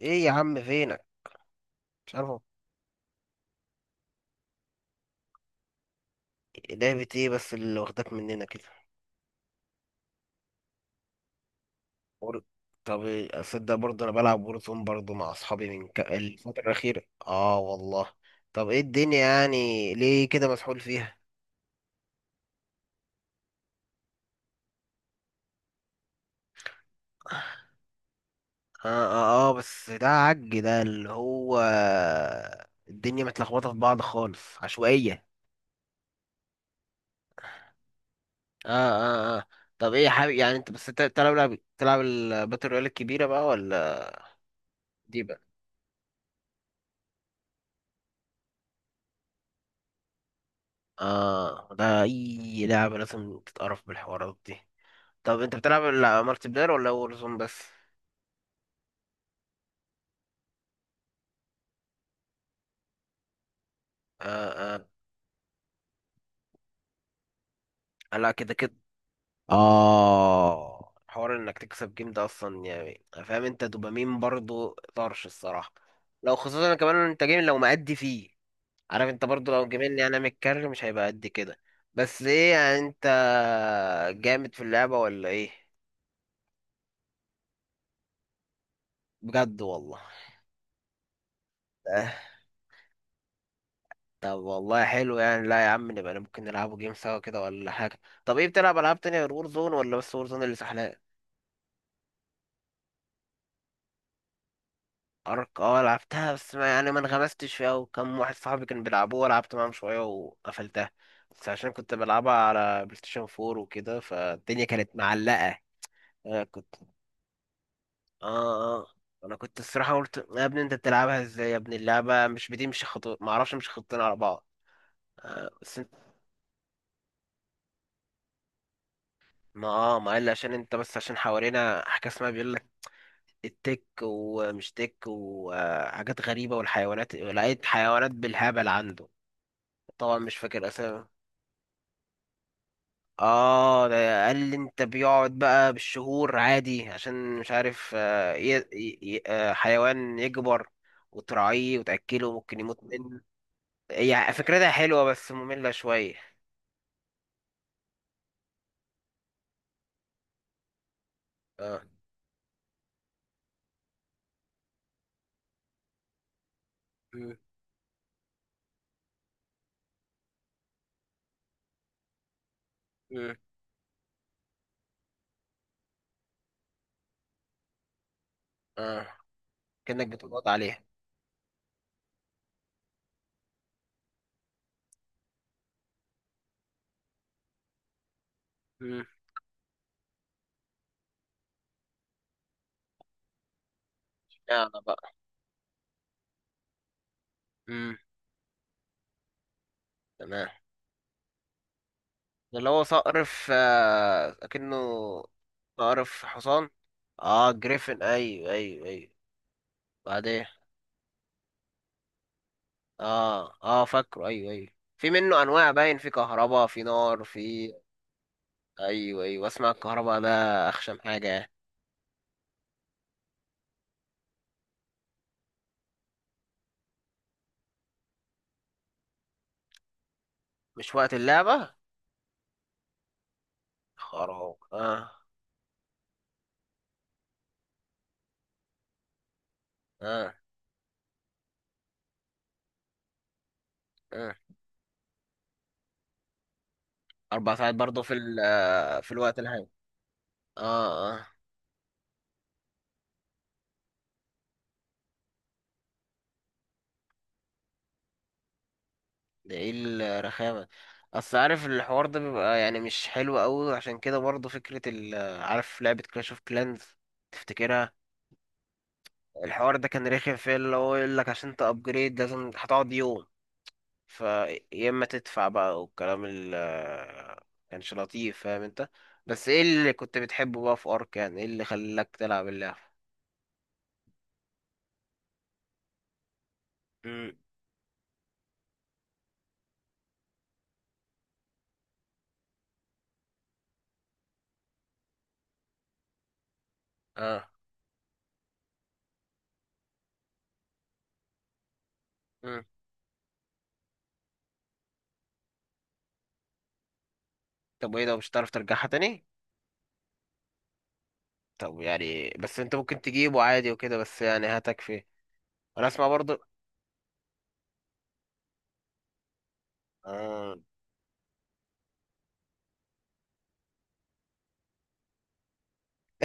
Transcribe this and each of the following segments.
ايه يا عم فينك؟ مش عارف هو. لعبة ايه بس اللي واخداك مننا كده؟ وور- طب إيه، اصدق برضه انا بلعب وورزون برضه مع اصحابي الفترة الأخيرة اه والله. طب ايه الدنيا يعني ليه كده مسحول فيها؟ اه اه اه، بس ده عج ده اللي هو الدنيا متلخبطة في بعض خالص عشوائية. اه اه اه، طب ايه يا حبيبي، يعني انت بس انت بتلعب لعب تلعب الباتل رويال الكبيرة بقى ولا دي بقى؟ اه ده اي لعبة لازم تتقرف بالحوارات دي. طب انت بتلعب لا مالتي بلاير ولا وورزون بس؟ آه آه، لا كده كده. اه، حوار انك تكسب جيم ده اصلا يعني فاهم انت دوبامين برضو طرش الصراحه. لو خصوصا كمان انت جيم لو مأدي فيه، عارف انت برضو لو جيمين يعني متكرر مش هيبقى قد كده. بس ايه يعني انت جامد في اللعبه ولا ايه؟ بجد والله؟ آه، طب والله حلو، يعني لا يا عم نبقى ممكن نلعبوا جيم سوا كده ولا حاجه. طب ايه بتلعب العاب تانية غير وور زون، ولا بس وور زون اللي سحلان؟ ارك، اه لعبتها بس ما يعني ما انغمستش فيها، وكم واحد صاحبي كان بيلعبوها لعبت معاهم شويه وقفلتها. بس عشان كنت بلعبها على بلاي ستيشن 4 وكده فالدنيا كانت معلقه. آه كنت اه اه انا كنت الصراحه قلت يا ابني انت بتلعبها ازاي يا ابني، اللعبه مش بتمشي خطوط، ما اعرفش، مش خطين على بعض. آه بس انت ما قال لي، عشان انت بس عشان حوالينا حاجه اسمها بيقول لك التك ومش تك وحاجات غريبه، والحيوانات لقيت حيوانات بالهبل عنده. طبعا مش فاكر اسامي. اه ده قال لي انت بيقعد بقى بالشهور عادي عشان مش عارف حيوان يكبر وتراعيه وتأكله ممكن يموت منه. هي فكرتها حلوة بس مملة شوية. اه. مم. مم. اه، كأنك بتضغط عليها. مم. يلا بقى. مم. تمام، ده اللي هو صقر في كأنه صقر في حصان. اه جريفن، ايوه ايوه ايوه بعدين. اه اه فاكره، ايوه ايوه، في منه انواع باين، في كهرباء، في نار، في. ايوه ايوه اسمع، الكهرباء ده اخشم حاجه يعني. مش وقت اللعبه؟ خراب اه. اه اه، 4 ساعات برضه في ال آه، في الوقت الهاي. اه اه. ده ايه الرخامه. اصل عارف الحوار ده بيبقى يعني مش حلو قوي، عشان كده برضه فكره ال آه، عارف لعبه كلاش اوف كلانز، تفتكرها؟ الحوار ده كان رخم فيه، اللي هو يقول لك عشان تابجريد لازم هتقعد يوم، فيا اما تدفع بقى والكلام ال كانش لطيف، فاهم انت. بس ايه اللي كنت بتحبه بقى في ارك يعني، ايه اللي خلاك تلعب اللعبة؟ مم. اه. مم. طب وايه، ده مش هتعرف ترجعها تاني؟ طب يعني بس انت ممكن تجيبه عادي وكده بس يعني هتكفي؟ انا اسمع برضو. آه.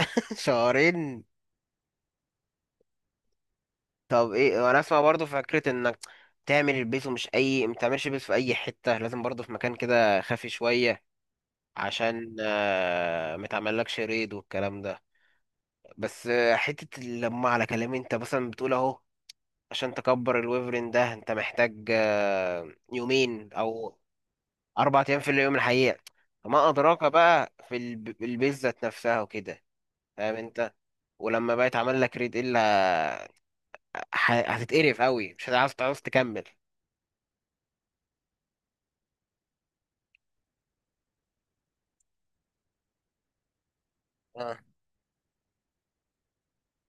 شهرين. طب ايه، انا اسمع برضو فكرة انك تعمل البيت، ومش اي ما تعملش بيت في اي حتة، لازم برضو في مكان كده خافي شوية عشان ما تعملكش ريد والكلام ده. بس حتة لما على كلامي انت مثلا بتقول اهو، عشان تكبر الويفرين ده انت محتاج يومين او 4 ايام في اليوم الحقيقة. فما ادراك بقى في البيتزا ذات نفسها وكده، فاهم انت. ولما بقى يتعمل لك ريد الا هتتقرف قوي، مش هتعرف تعرف تكمل. اه،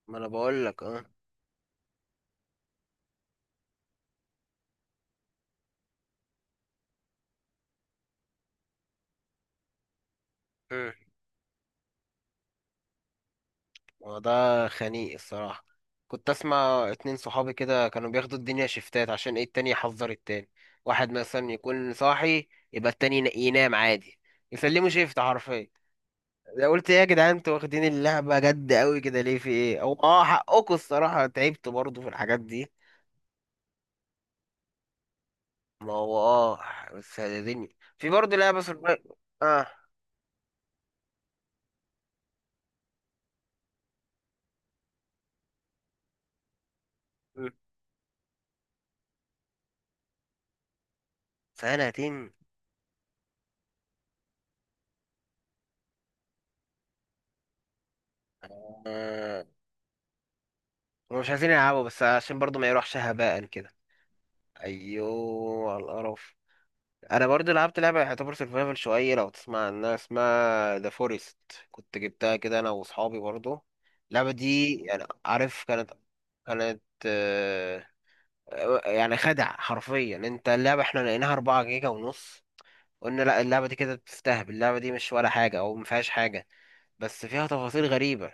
ما انا بقول لك اه. وده خنيق الصراحة. كنت أسمع 2 صحابي كده كانوا بياخدوا الدنيا شفتات، عشان إيه التاني يحذر التاني. واحد مثلا يكون صاحي يبقى التاني ينام عادي. يسلموا شيفت حرفيا. ده قلت إيه يا جدعان، انتوا واخدين اللعبة جد أوي كده ليه، في إيه؟ أو حقكوا الصراحة تعبت برضه في الحاجات دي. ما هو آه. بس هتدني في برضه لعبة سربايف. آه. م. سنتين. آه، هما مش عايزين يلعبوا بس عشان برضه ما يروحش هباء كده. ايوه، على القرف. انا برضه لعبت لعبه يعتبر سرفايفل شويه، لو تسمع عنها اسمها ذا فورست. كنت جبتها كده انا واصحابي برضه. اللعبه دي يعني عارف كانت، كانت آه، يعني خدع حرفيا انت، اللعبه احنا لقيناها 4 جيجا ونص. قلنا لا اللعبه دي كده بتستهبل، اللعبه دي مش ولا حاجه او ما فيهاش حاجه. بس فيها تفاصيل غريبه.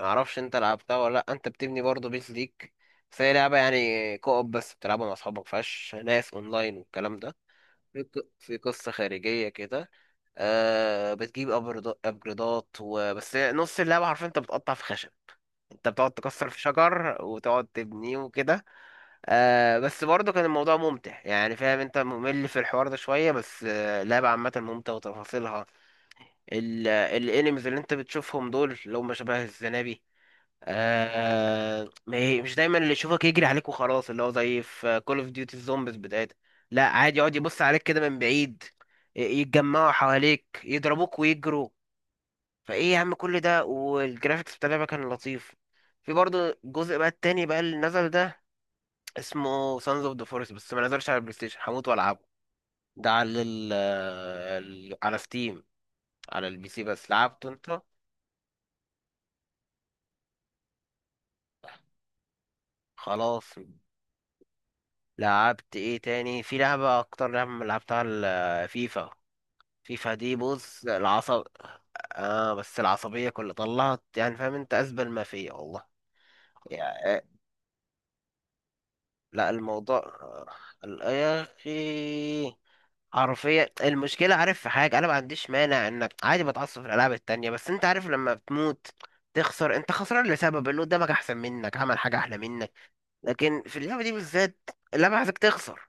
ما اعرفش انت لعبتها ولا لا، انت بتبني برضه بيت ليك. بس هي لعبه يعني كوب بس، بتلعبها مع اصحابك، ما فيهاش ناس اونلاين والكلام ده. في قصة خارجية كده. آه بتجيب أبجريدات، وبس نص اللعبة حرفيا أنت بتقطع في خشب، أنت بتقعد تكسر في شجر وتقعد تبنيه وكده. آه بس برضه كان الموضوع ممتع، يعني فاهم أنت، ممل في الحوار ده شوية بس آه لعبة عامة ممتعة وتفاصيلها. الانيمز اللي أنت بتشوفهم دول اللي هم شبه الزنابي. آه ما هي- مش دايما اللي يشوفك يجري عليك وخلاص، اللي هو زي في كول اوف ديوتي الزومبيز بتاعتها. لا عادي، يقعد يبص عليك كده من بعيد، يتجمعوا حواليك يضربوك ويجروا. فايه يا عم كل ده، والجرافيكس بتاع اللعبه كان لطيف. في برضه الجزء بقى التاني بقى اللي نزل ده، اسمه سانز اوف ذا فورست، بس ما نزلش على البلاي ستيشن، هموت والعبه. ده على ال آه، ال- على ستيم، على البي سي بس، لعبته انت؟ خلاص. لعبت ايه تاني؟ في لعبة اكتر لعبة لعبتها، الفيفا. فيفا دي بص العصب. اه، بس العصبية كلها طلعت، يعني فاهم انت ازبل ما فيا والله. يعني لا الموضوع، يا اخي حرفيا المشكلة، عارف في حاجة، انا ما عنديش مانع انك عادي بتعصب في الالعاب التانية، بس انت عارف لما بتموت تخسر انت خسران لسبب اللي قدامك احسن منك عمل حاجة احلى منك. لكن في اللعبة دي بالذات اللعبة عايزك تخسر،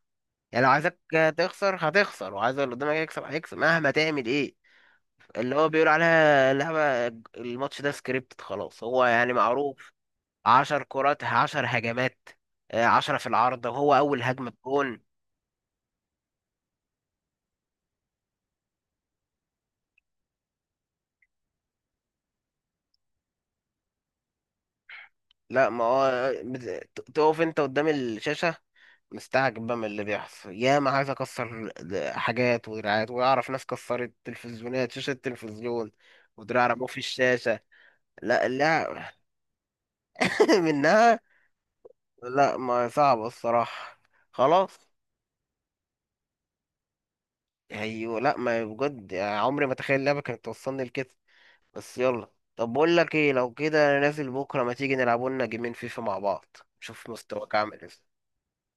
يعني لو عايزك تخسر هتخسر، وعايز اللي قدامك يكسب هيكسب مهما تعمل ايه. اللي هو بيقول عليها اللعبة، الماتش ده سكريبتد خلاص هو يعني معروف. 10 كرات 10 هجمات، 10 في العارضة وهو أول هجمة بجون. لا، ما هو تقف انت قدام الشاشة مستعجب بقى من اللي بيحصل، يا ما عايز اكسر حاجات ودراعات، واعرف ناس كسرت تلفزيونات، شاشة التلفزيون ودراع رموه في الشاشة. لا لا. منها. لا، ما صعب الصراحة، خلاص. ايوه، لا ما بجد يعني عمري ما تخيل اللعبة كانت توصلني لكده. بس يلا. طب بقول لك ايه، لو كده انا نازل بكرة، ما تيجي نلعبوا لنا جيمين فيفا مع بعض، شوف مستواك عامل ازاي.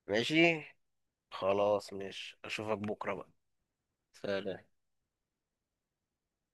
ماشي. خلاص ماشي، اشوفك بكرة بقى. سلام.